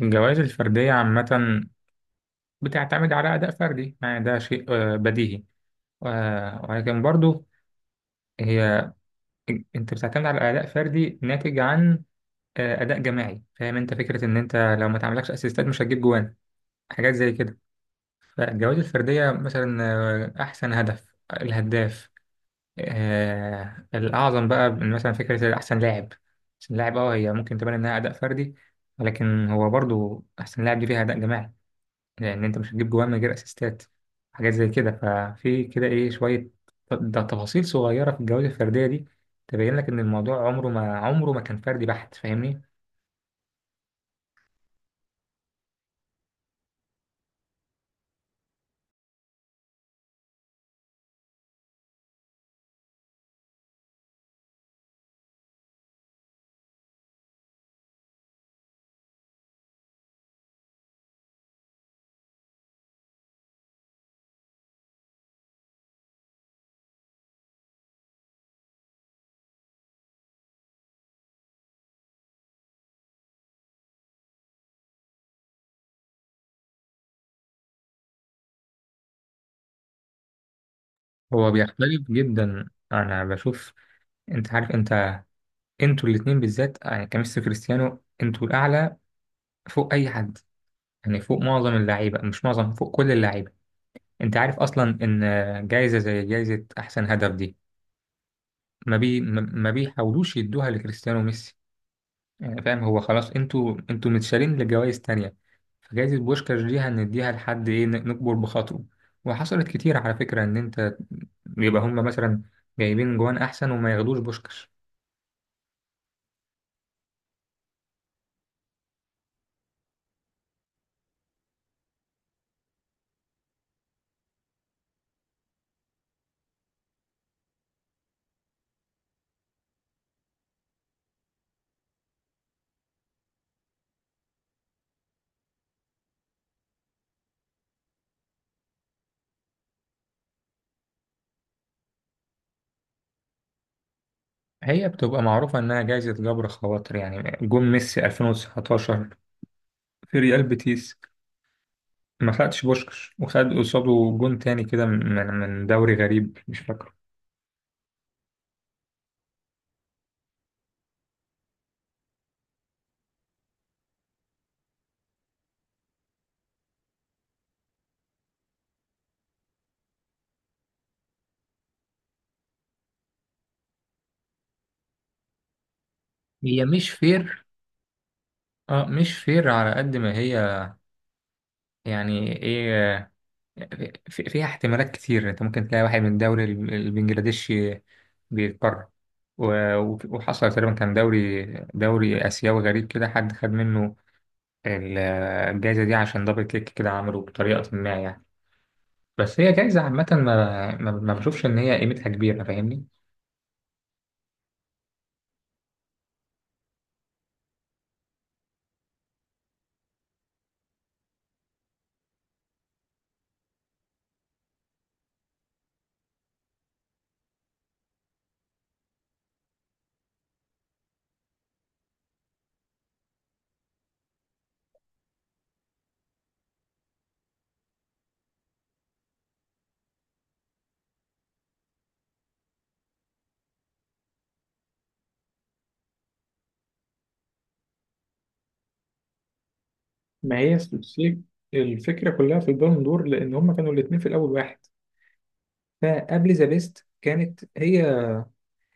الجوائز الفردية عامة بتعتمد على أداء فردي، يعني ده شيء بديهي. ولكن برضو هي أنت بتعتمد على أداء فردي ناتج عن أداء جماعي. فاهم أنت فكرة إن أنت لو ما تعملكش أسيستات مش هتجيب جوان، حاجات زي كده. فالجوائز الفردية مثلا أحسن هدف، الهداف الأعظم بقى، مثلا فكرة أحسن لاعب. أحسن لاعب أه هي ممكن تبان إنها أداء فردي، ولكن هو برضو أحسن لاعب دي فيها أداء جماعي، لأن أنت مش هتجيب جوان من غير أسيستات، حاجات زي كده. ففي كده إيه شوية ده تفاصيل صغيرة في الجوائز الفردية دي تبين لك إن الموضوع عمره ما كان فردي بحت. فاهمني، هو بيختلف جدا. أنا بشوف أنت عارف، أنت أنتوا الاتنين بالذات، يعني كميسي وكريستيانو أنتوا الأعلى فوق أي حد، يعني فوق معظم اللعيبة، مش معظم، فوق كل اللعيبة. أنت عارف أصلا إن جايزة زي جايزة أحسن هدف دي ما بي ما ما بيحاولوش يدوها لكريستيانو وميسي، يعني فاهم. هو خلاص انتوا متشالين لجوائز تانية، فجائزة بوشكاش دي هنديها لحد ايه نكبر بخاطره. وحصلت كتير، على فكرة، ان انت يبقى هم مثلا جايبين جوان احسن وما ياخدوش بوشكاش. هي بتبقى معروفة انها جائزة جبر خواطر، يعني جون ميسي 2019 في ريال بيتيس ما خدش بوشكاش، وخد قصاده جون تاني كده من دوري غريب مش فاكره. هي مش فير، اه مش فير على قد ما هي، يعني ايه، فيها احتمالات كتير. انت ممكن تلاقي واحد من الدوري البنجلاديشي بيتقرر، وحصل تقريبا، كان دوري اسيوي غريب كده، حد خد منه ال- الجايزه دي عشان دبل كيك كده عمله بطريقه ما يعني. بس هي جايزه عامه، ما ما ما بشوفش ان هي قيمتها كبيره، فاهمني. ما هي سلسلة الفكرة كلها في البالون دور، لأن هما كانوا الاتنين في الأول واحد، فقبل ذا بيست كانت هي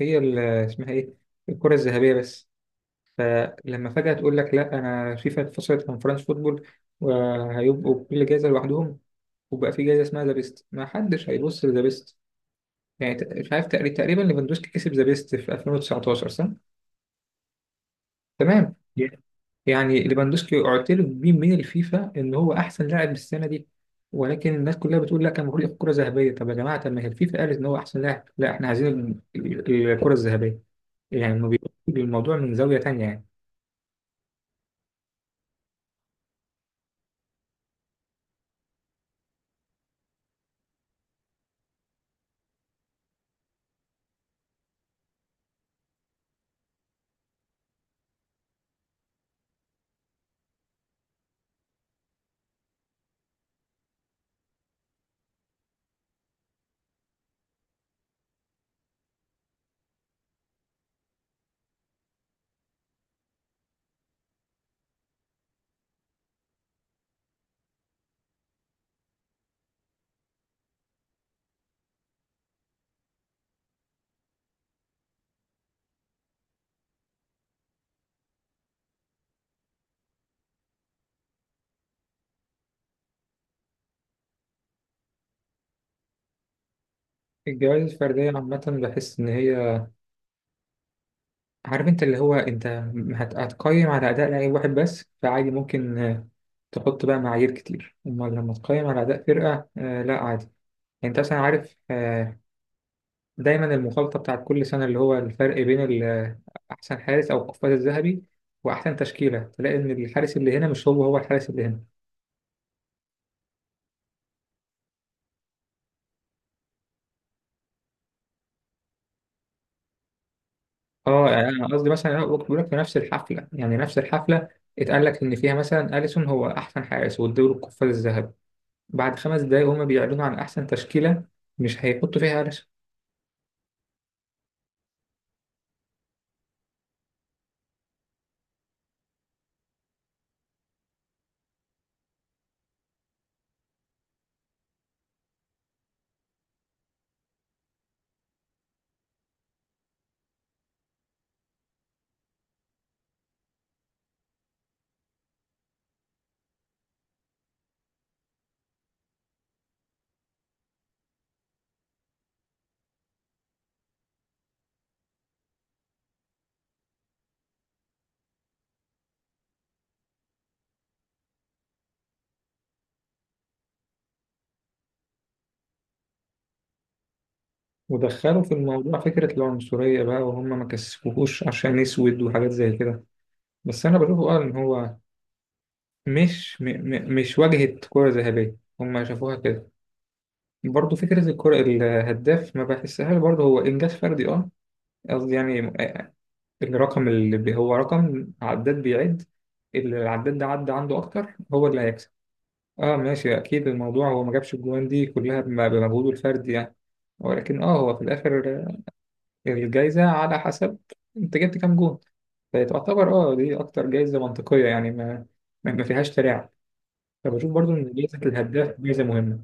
اسمها إيه، الكرة الذهبية بس. فلما فجأة تقول لك لا أنا فيفا اتفصلت عن فرنسا فوتبول وهيبقوا كل جايزة لوحدهم، وبقى في جايزة اسمها ذا بيست، ما حدش هيبص لذا بيست. يعني مش عارف، تقريبا ليفاندوسكي كسب ذا بيست في 2019 صح؟ تمام. Yeah. يعني ليفاندوسكي اعترف بيه من الفيفا إن هو أحسن لاعب السنة دي، ولكن الناس كلها بتقول لا، كان المفروض ياخد كرة ذهبية. طب يا جماعة، طب ما هي الفيفا قالت إن هو أحسن لاعب. لا، إحنا عايزين الكرة الذهبية. يعني ما بيبقوش الموضوع من زاوية تانية يعني. الجوائز الفردية عامة بحس إن هي، عارف انت، اللي هو انت هتقيم على اداء لعيب واحد بس، فعادي ممكن تحط بقى معايير كتير. اما لما تقيم على اداء فرقه لا عادي. يعني انت اصلا عارف دايما المخالطه بتاعت كل سنه، اللي هو الفرق بين احسن حارس او القفاز الذهبي واحسن تشكيله، تلاقي ان الحارس اللي هنا مش هو الحارس اللي هنا. اه يعني انا قصدي مثلا، انا بقول لك في نفس الحفله، يعني نفس الحفله اتقال لك ان فيها مثلا اليسون هو احسن حارس والدوري القفاز الذهبي، بعد خمس دقايق هما بيعلنوا عن أحسن تشكيلة، مش هيحطوا فيها قلش. ودخلوا في الموضوع فكرة العنصرية بقى، وهم ما كسفوهوش عشان أسود وحاجات زي كده. بس أنا بشوفه اه إن هو مش م م مش واجهة كرة ذهبية، هم شافوها كده. برضه فكرة الكرة الهداف، ما بحسهاش برضه هو إنجاز فردي، اه قصدي يعني الرقم هو رقم عداد بيعد، اللي العداد ده عدى عنده أكتر هو اللي هيكسب. اه ماشي، اكيد الموضوع هو ما جابش الجوان دي كلها بمجهوده الفردي يعني، ولكن اه هو في الاخر الجايزه على حسب انت جبت كام جون، فتعتبر اه دي اكتر جايزه منطقيه، يعني ما ما ما فيهاش تلاعب. فبشوف برضو ان جايزه الهداف جايزه مهمه.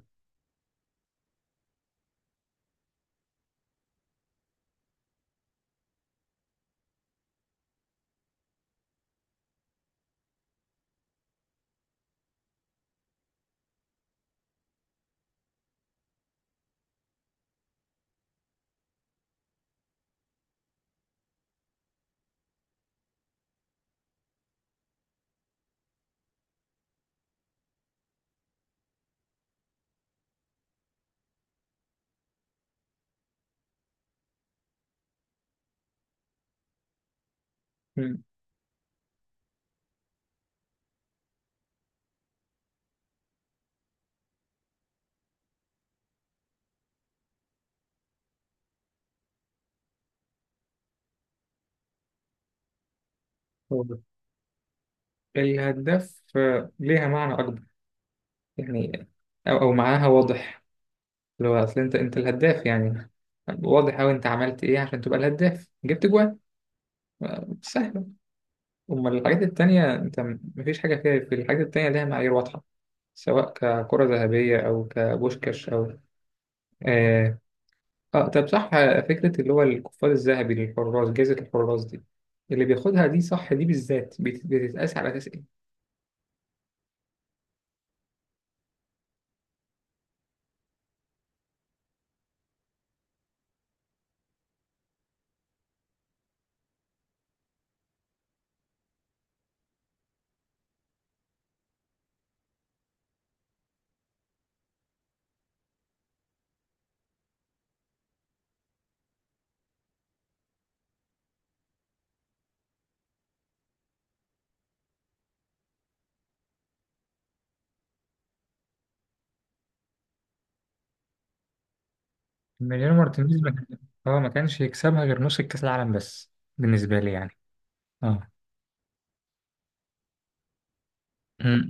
مم. هو الهداف ليها معنى اكبر، يعني او أو معناها واضح، اللي هو اصل انت، انت الهداف يعني واضح أوي. أنت عملت إيه عشان تبقى الهداف؟ جبت جوان، سهل. أما الحاجات التانية أنت مفيش حاجة فيها، في الحاجات التانية ليها معايير واضحة، سواء ككرة ذهبية أو كبوشكاش أو آه, آه طب صح، فكرة اللي هو القفاز الذهبي للحراس، جائزة الحراس دي اللي بياخدها دي صح، دي بالذات بتتقاس على أساس إيه؟ ماريانو مارتينيز ما كان- اه ما كانش يكسبها غير نص الكاس العالم بس، بالنسبه لي يعني، اه